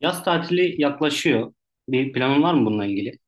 Yaz tatili yaklaşıyor. Bir planın var mı bununla ilgili?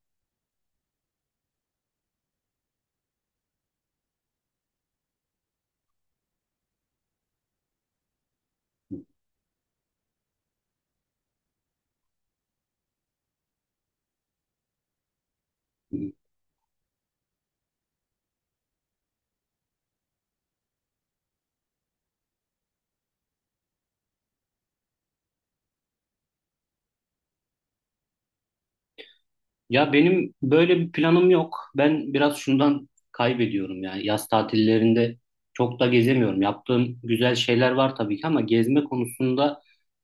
Ya benim böyle bir planım yok. Ben biraz şundan kaybediyorum yani yaz tatillerinde çok da gezemiyorum. Yaptığım güzel şeyler var tabii ki ama gezme konusunda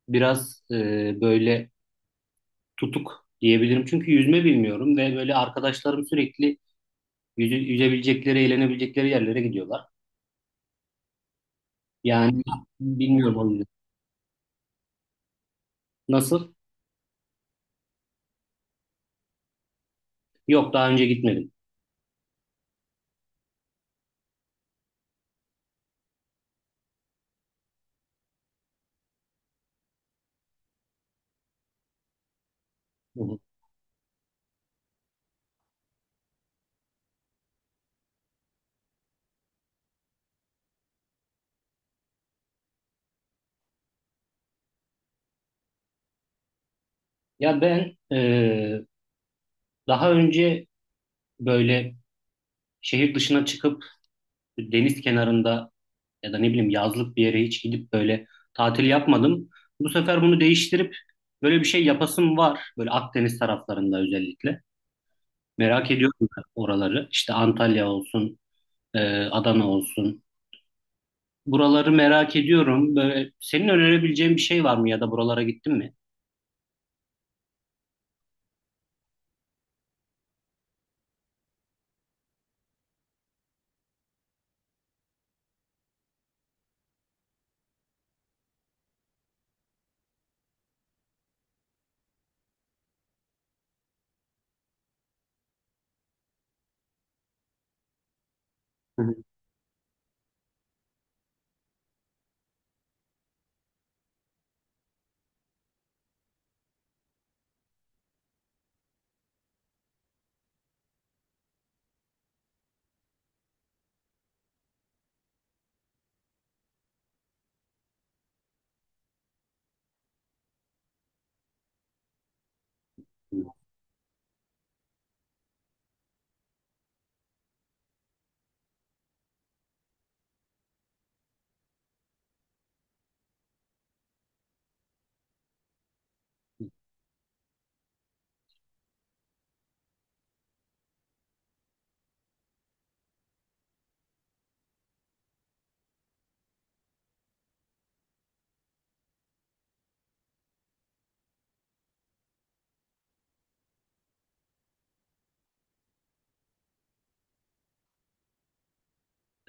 biraz böyle tutuk diyebilirim. Çünkü yüzme bilmiyorum ve böyle arkadaşlarım sürekli yüzebilecekleri, eğlenebilecekleri yerlere gidiyorlar. Yani bilmiyorum o yüzden. Nasıl? Yok daha önce gitmedim. Hı hı. Ya ben daha önce böyle şehir dışına çıkıp deniz kenarında ya da ne bileyim yazlık bir yere hiç gidip böyle tatil yapmadım. Bu sefer bunu değiştirip böyle bir şey yapasım var. Böyle Akdeniz taraflarında özellikle. Merak ediyorum oraları. İşte Antalya olsun, e, Adana olsun. Buraları merak ediyorum. Böyle senin önerebileceğin bir şey var mı ya da buralara gittin mi? Hı hı.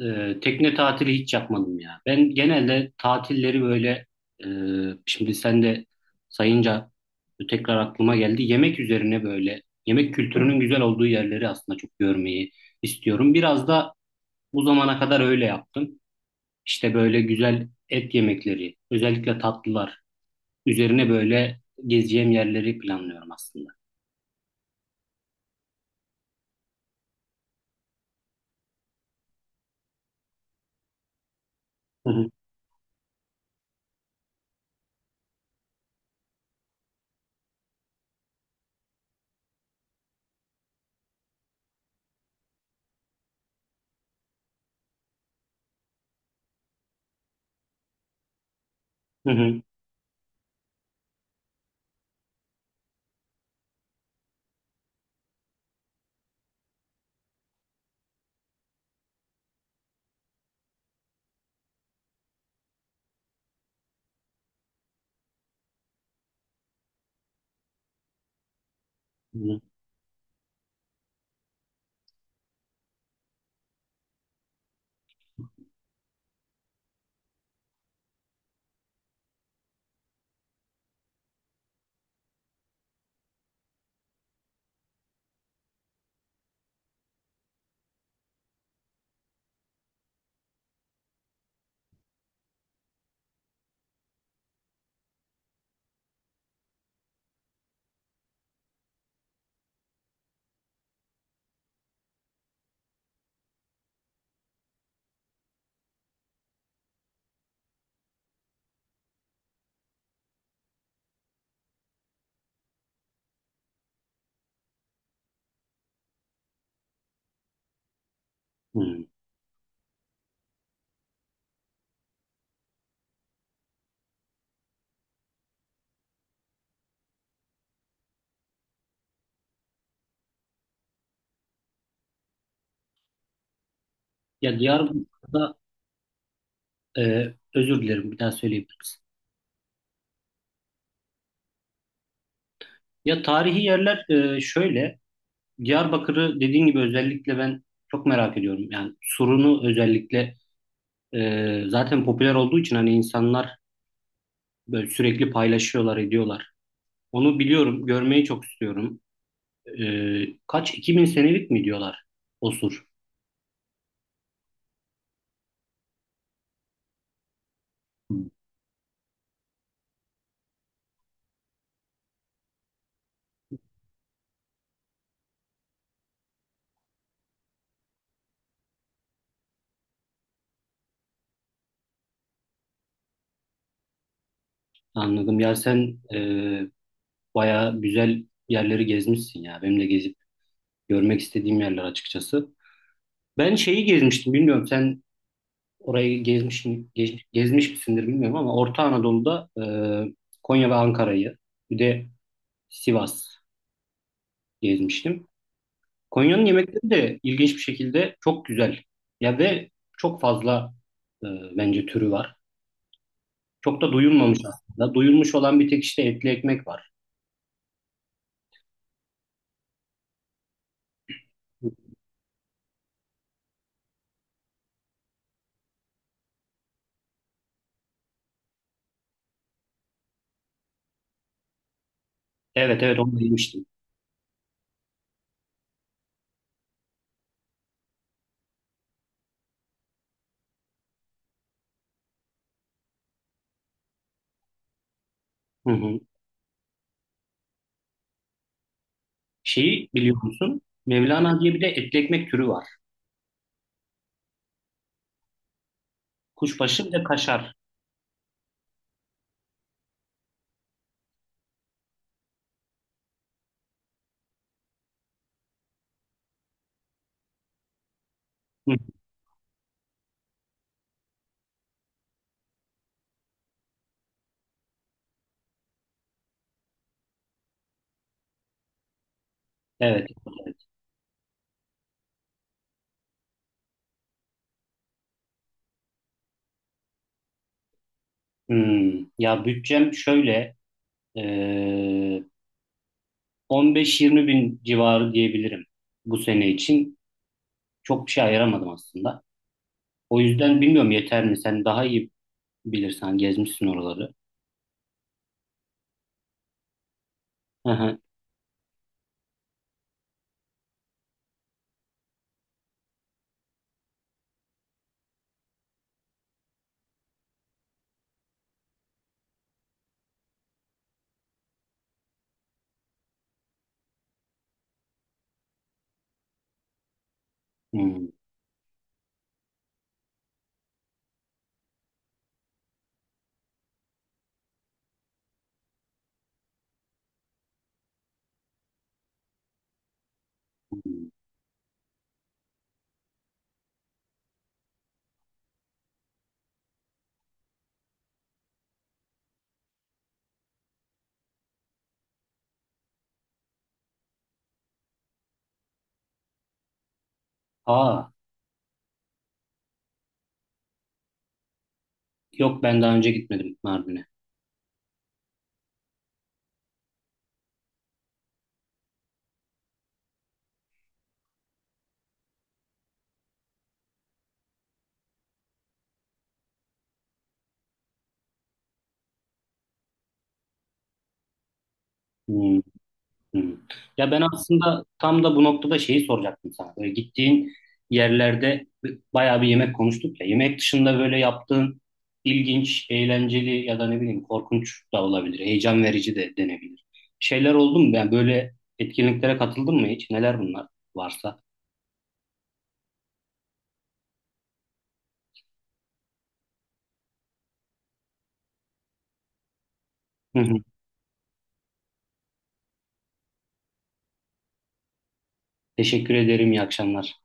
Tekne tatili hiç yapmadım ya. Ben genelde tatilleri böyle e, şimdi sen de sayınca tekrar aklıma geldi. Yemek üzerine böyle yemek kültürünün güzel olduğu yerleri aslında çok görmeyi istiyorum. Biraz da bu zamana kadar öyle yaptım. İşte böyle güzel et yemekleri, özellikle tatlılar üzerine böyle gezeceğim yerleri planlıyorum aslında. Hı hı, hı hı, hı hı. Ya Diyarbakır'da özür dilerim bir daha söyleyebilirim. Ya tarihi yerler şöyle, Diyarbakır'ı dediğin gibi özellikle ben çok merak ediyorum. Yani Sur'unu özellikle zaten popüler olduğu için hani insanlar böyle sürekli paylaşıyorlar, ediyorlar. Onu biliyorum, görmeyi çok istiyorum. E, kaç, 2000 senelik mi diyorlar o Sur? Hı. Anladım. Ya sen bayağı güzel yerleri gezmişsin ya. Benim de gezip görmek istediğim yerler açıkçası. Ben şeyi gezmiştim, bilmiyorum sen orayı gezmiş mi, gezmiş misindir bilmiyorum ama Orta Anadolu'da e, Konya ve Ankara'yı bir de Sivas gezmiştim. Konya'nın yemekleri de ilginç bir şekilde çok güzel. Ya ve çok fazla e, bence türü var. Çok da duyulmamış aslında. Duyulmuş olan bir tek işte etli ekmek var. Evet, evet, onu da yemiştim. Hı hı. Şeyi biliyor musun? Mevlana diye bir de etli ekmek türü var. Kuşbaşı ve kaşar. Hı. Evet, evet. Hmm, ya bütçem şöyle. Ee, 15-20 bin civarı diyebilirim bu sene için. Çok bir şey ayıramadım aslında. O yüzden bilmiyorum, yeter mi? Sen daha iyi bilirsen, gezmişsin oraları. Hı hı. Hmm. Aa, yok, ben daha önce gitmedim Mardin'e. Hmm. Hı. Ya ben aslında tam da bu noktada şeyi soracaktım sana. Böyle gittiğin yerlerde bayağı bir yemek konuştuk ya. Yemek dışında böyle yaptığın ilginç, eğlenceli ya da ne bileyim korkunç da olabilir, heyecan verici de denebilir. Şeyler oldu mu? Yani böyle etkinliklere katıldın mı hiç? Neler bunlar varsa? Hı hı. Teşekkür ederim. İyi akşamlar.